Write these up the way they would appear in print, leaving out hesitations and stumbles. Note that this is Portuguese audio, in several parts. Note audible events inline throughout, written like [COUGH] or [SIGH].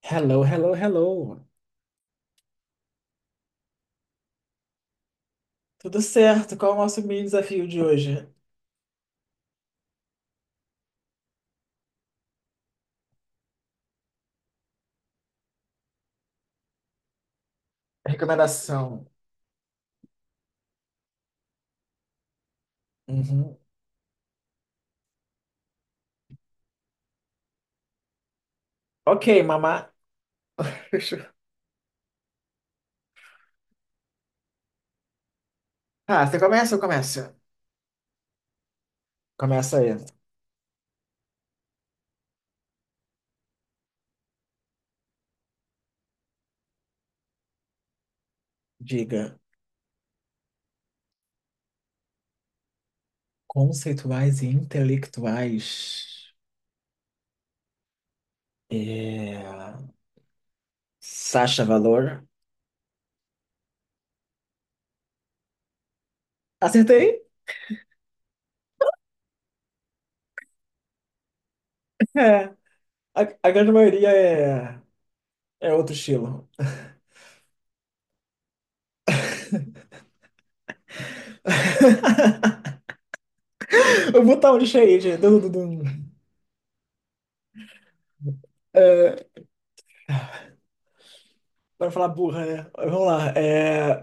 Hello, hello, hello. Tudo certo? Qual é o nosso mini desafio de hoje? Recomendação. Uhum. Ok, mamá. [LAUGHS] Ah, você começa ou começa? Começa aí. Diga. Conceituais e intelectuais. É... Sacha Valor. Acertei? É. A grande maioria é outro estilo. [LAUGHS] Eu vou botar um lixo aí, gente. Dum, dum, dum, dum. Pra não falar burra, né? Vamos lá.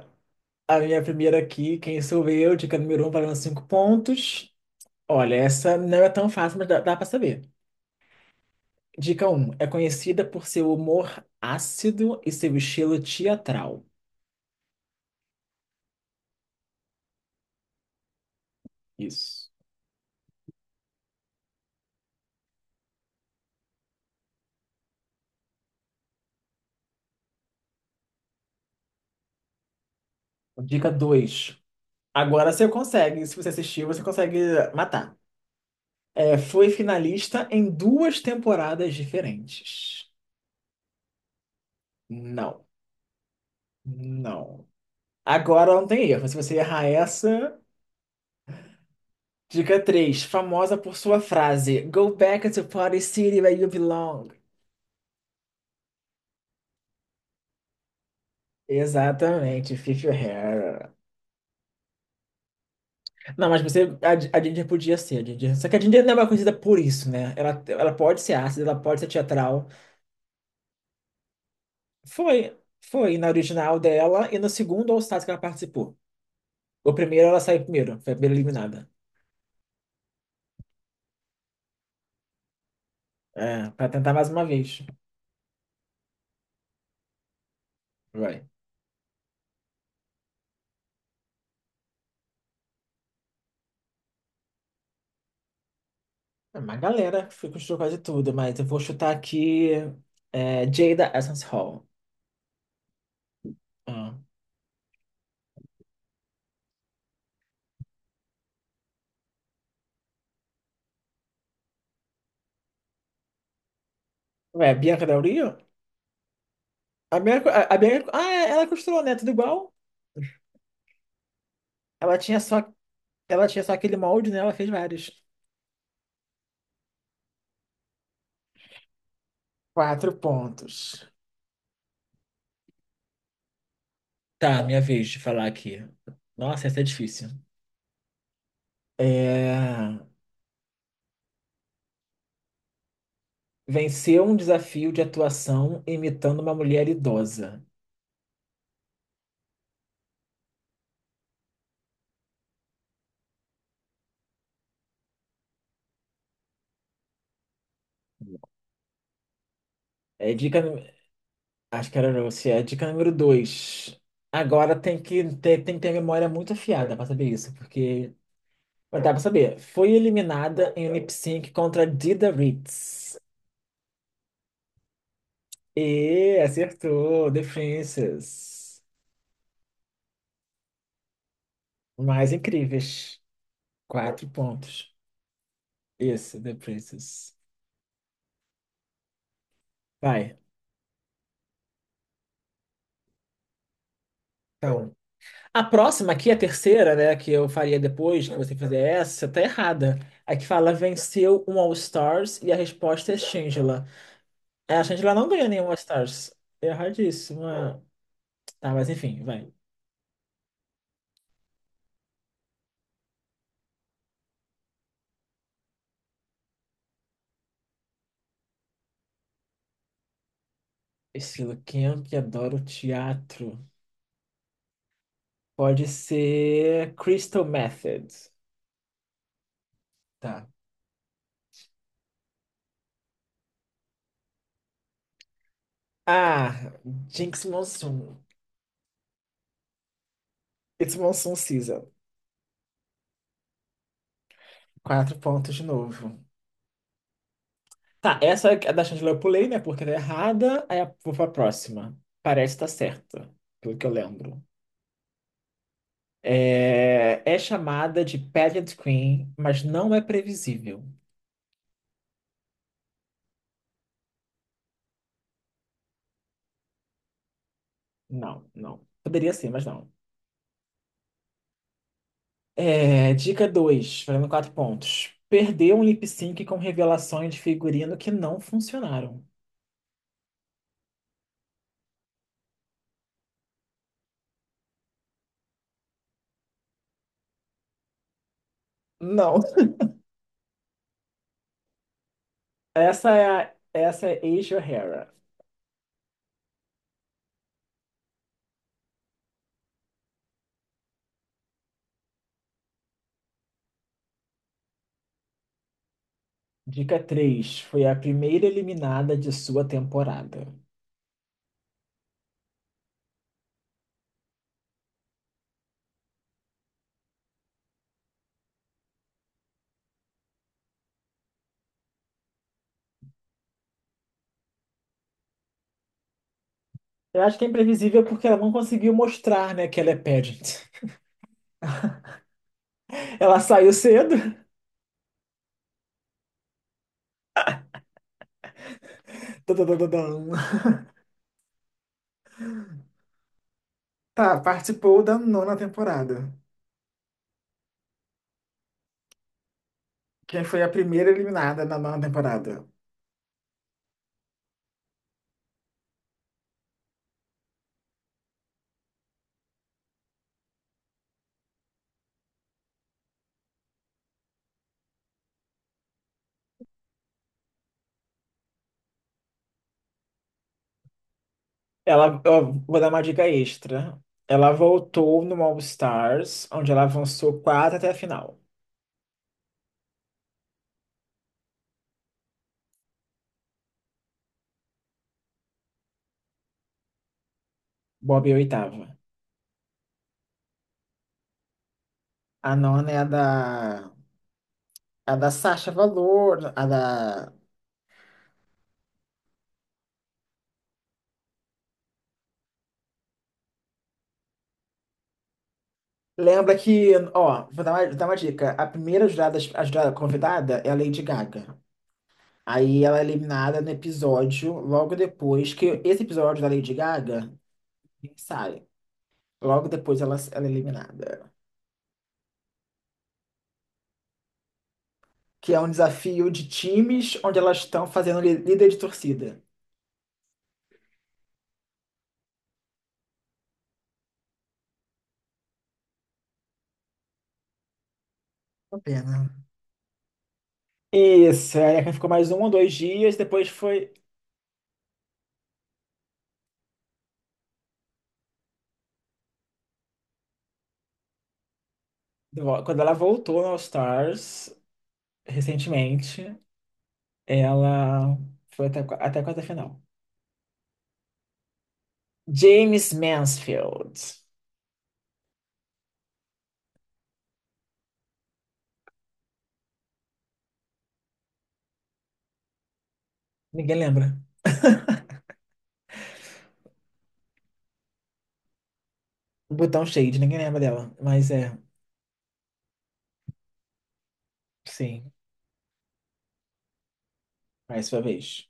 A minha primeira aqui, quem sou eu? Dica número um, valendo cinco pontos. Olha, essa não é tão fácil, mas dá para saber. Dica Um, é conhecida por seu humor ácido e seu estilo teatral. Isso. Dica dois. Agora você consegue, se você assistir, você consegue matar. É, foi finalista em duas temporadas diferentes. Não, não. Agora não tem erro. Se você errar essa, dica 3, famosa por sua frase Go back to Party City where you belong. Exatamente, Fifi O'Hara. Não, mas você, a Ginger podia ser, a Ginger. Só que a Ginger não é uma conhecida por isso, né? Ela pode ser ácida, ela pode ser teatral. Foi na original dela e no segundo All Stars que ela participou. O primeiro ela saiu primeiro, foi a primeira eliminada. É, pra tentar mais uma vez. Vai. É uma galera que foi construiu quase tudo, mas eu vou chutar aqui é, Jada Essence Hall. Ah. Ué, Bianca Del Rio? A Bianca, a Bianca, ah, é, ela costurou, né? Tudo igual. Ela tinha só, ela tinha só aquele molde, né? Ela fez vários. Quatro pontos. Tá, minha vez de falar aqui. Nossa, essa é difícil. É... Venceu um desafio de atuação imitando uma mulher idosa. É dica. Acho que era você. É dica número dois. Agora tem que ter a memória muito afiada para saber isso, porque. Mas dá pra saber. Foi eliminada em um lip sync contra Dida Ritz. E acertou, Defenses. Mais incríveis. Quatro pontos. Isso, Defenses. Vai. Então, a próxima aqui, a terceira, né, que eu faria depois que você fizer essa, tá errada. Aqui fala venceu um All-Stars e a resposta é Shangela. É, a Shangela não ganhou nenhum All-Stars. Erradíssima. Tá, mas enfim, vai. Estilo, quem é que adora o teatro? Pode ser Crystal Method. Tá. Ah, Jinx Monsoon. It's Monsoon Season. Quatro pontos de novo. Tá, essa é a da Chandler eu pulei, né? Porque tá errada. Aí eu vou pra próxima. Parece estar tá certa, pelo que eu lembro. É, é chamada de Pageant Queen, mas não é previsível. Não, não. Poderia ser, mas não. É, dica 2, valendo quatro pontos. Perdeu um lip sync com revelações de figurino que não funcionaram. Não. Essa é a, essa é Asia O'Hara. Dica 3: foi a primeira eliminada de sua temporada. Eu acho que é imprevisível porque ela não conseguiu mostrar, né, que ela é pageant. [LAUGHS] Ela saiu cedo. [LAUGHS] Tududududum. Tá, participou da nona temporada. Quem foi a primeira eliminada na nona temporada? Ela, ó, vou dar uma dica extra. Ela voltou no All Stars, onde ela avançou quatro até a final. Bob é a oitava. A nona é a da. A da Sasha Valor, a da. Lembra que, ó, vou dar uma dica. A primeira jurada, a jurada convidada é a Lady Gaga. Aí ela é eliminada no episódio, logo depois que esse episódio da Lady Gaga sai. Logo depois ela é eliminada. Que é um desafio de times onde elas estão fazendo líder de torcida. Uma pena. Isso, aí ela ficou mais um ou dois dias, depois foi. Quando ela voltou no All Stars, recentemente. Ela foi até a quarta final. James Mansfield. Ninguém lembra. Botão Shade, ninguém lembra dela. Mas é, sim, mais sua vez.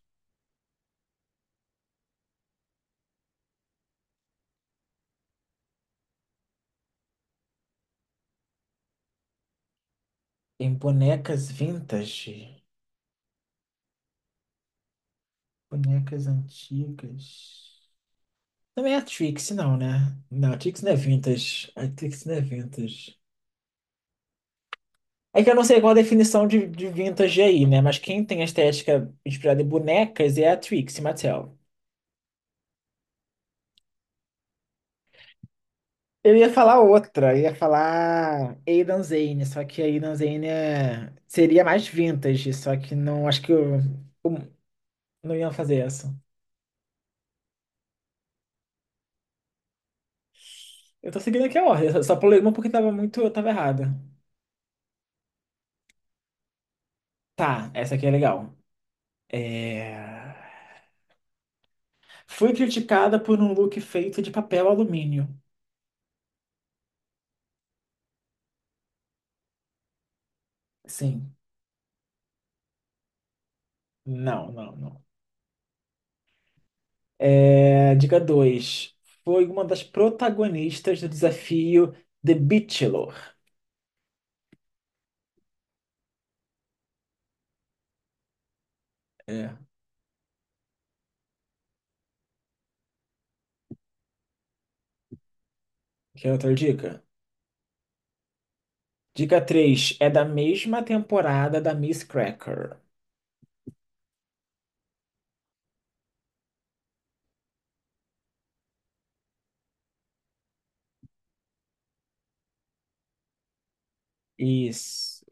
Em bonecas vintage. Bonecas antigas. Não é a Trix, não, né? Não, a Trix não é vintage. A Trix não é vintage. É que eu não sei qual a definição de vintage aí, né? Mas quem tem a estética inspirada em bonecas é a Trixie Mattel. Eu ia falar outra, eu ia falar Aidan Zane, só que a Aidan Zane é- seria mais vintage, só que não, acho que eu não ia fazer essa. Eu tô seguindo aqui a ordem, eu só pulei uma porque tava muito, eu tava errada. Tá, essa aqui é legal. É... Fui criticada por um look feito de papel alumínio. Sim, não, não, não. Dica 2. Foi uma das protagonistas do desafio The Bachelor. É. Quer outra dica? Dica 3 é da mesma temporada da Miss Cracker. Isso.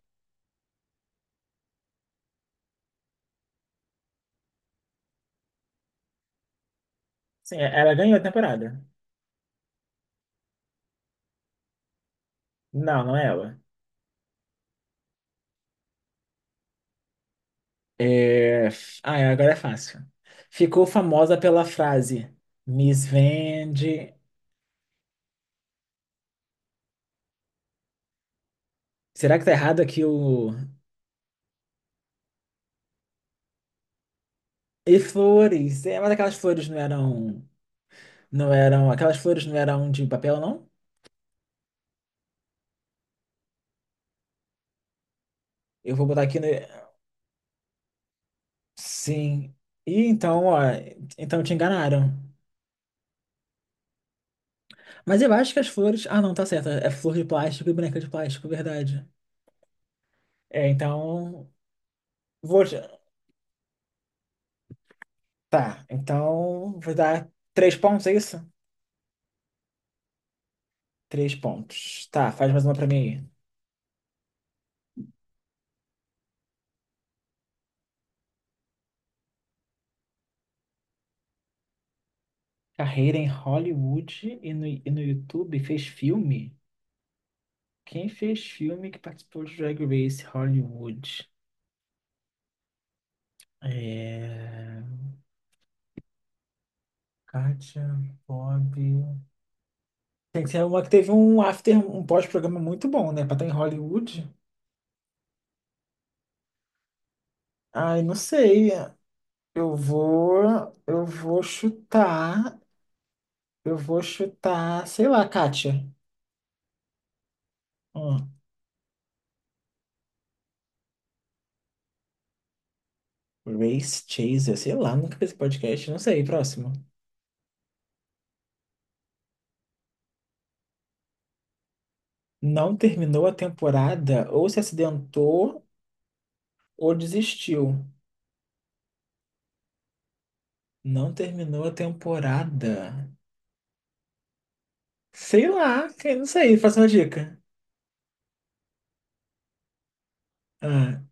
Sim, ela ganhou a temporada. Não, não é ela. É... Ah, é, agora é fácil. Ficou famosa pela frase Miss Vende. Será que tá errado aqui o. E flores? É, mas aquelas flores não eram. Não eram. Aquelas flores não eram de papel, não? Eu vou botar aqui no. Sim. E então, ó. Então te enganaram. Mas eu acho que as flores. Ah, não, tá certo. É flor de plástico e boneca de plástico, verdade. É, então. Vou. Tá, então. Vou dar três pontos, é isso? Três pontos. Tá, faz mais uma pra mim aí. Carreira em Hollywood e no YouTube fez filme? Quem fez filme que participou de Drag Race Hollywood? É. Kátia, Bob. Tem que ser uma que teve um after, um pós-programa muito bom, né? Pra estar em Hollywood. Ai, não sei. Eu vou, eu vou chutar, eu vou chutar, sei lá, Kátia. Hum, Race Chaser, sei lá, nunca vi esse podcast, não sei, próximo. Não terminou a temporada, ou se acidentou, ou desistiu. Não terminou a temporada. Sei lá, não sei, faça uma dica. Ah,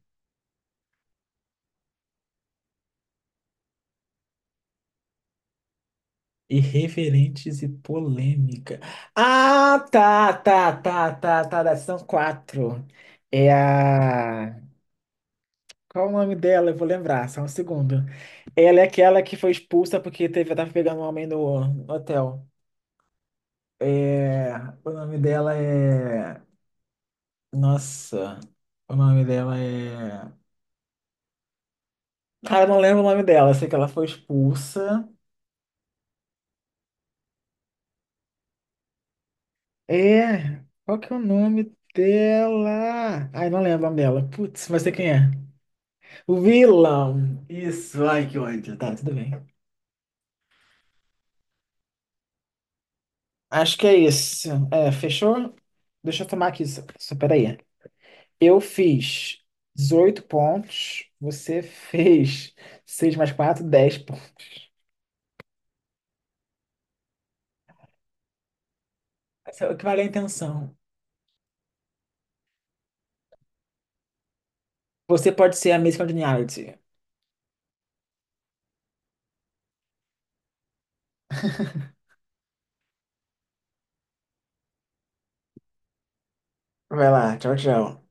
irreverentes e polêmica. Ah, tá, tá, tá, tá, tá, tá, são quatro. É a. Qual o nome dela? Eu vou lembrar, só um segundo. Ela é aquela que foi expulsa porque teve, tava pegando um homem no hotel. É, o nome dela é. Nossa, o nome dela é. Cara, eu não lembro o nome dela, eu sei que ela foi expulsa. É, qual que é o nome dela? Ai, não lembro o nome dela. Putz, mas sei quem é. O vilão. Isso, ai, que ódio. Tá, tudo bem. Acho que é isso. É, fechou? Deixa eu tomar aqui, só peraí. Eu fiz 18 pontos, você fez 6 mais 4 10 pontos. Essa é o que vale a intenção. Você pode ser a Miss Congeniality. Vai lá, tchau, tchau.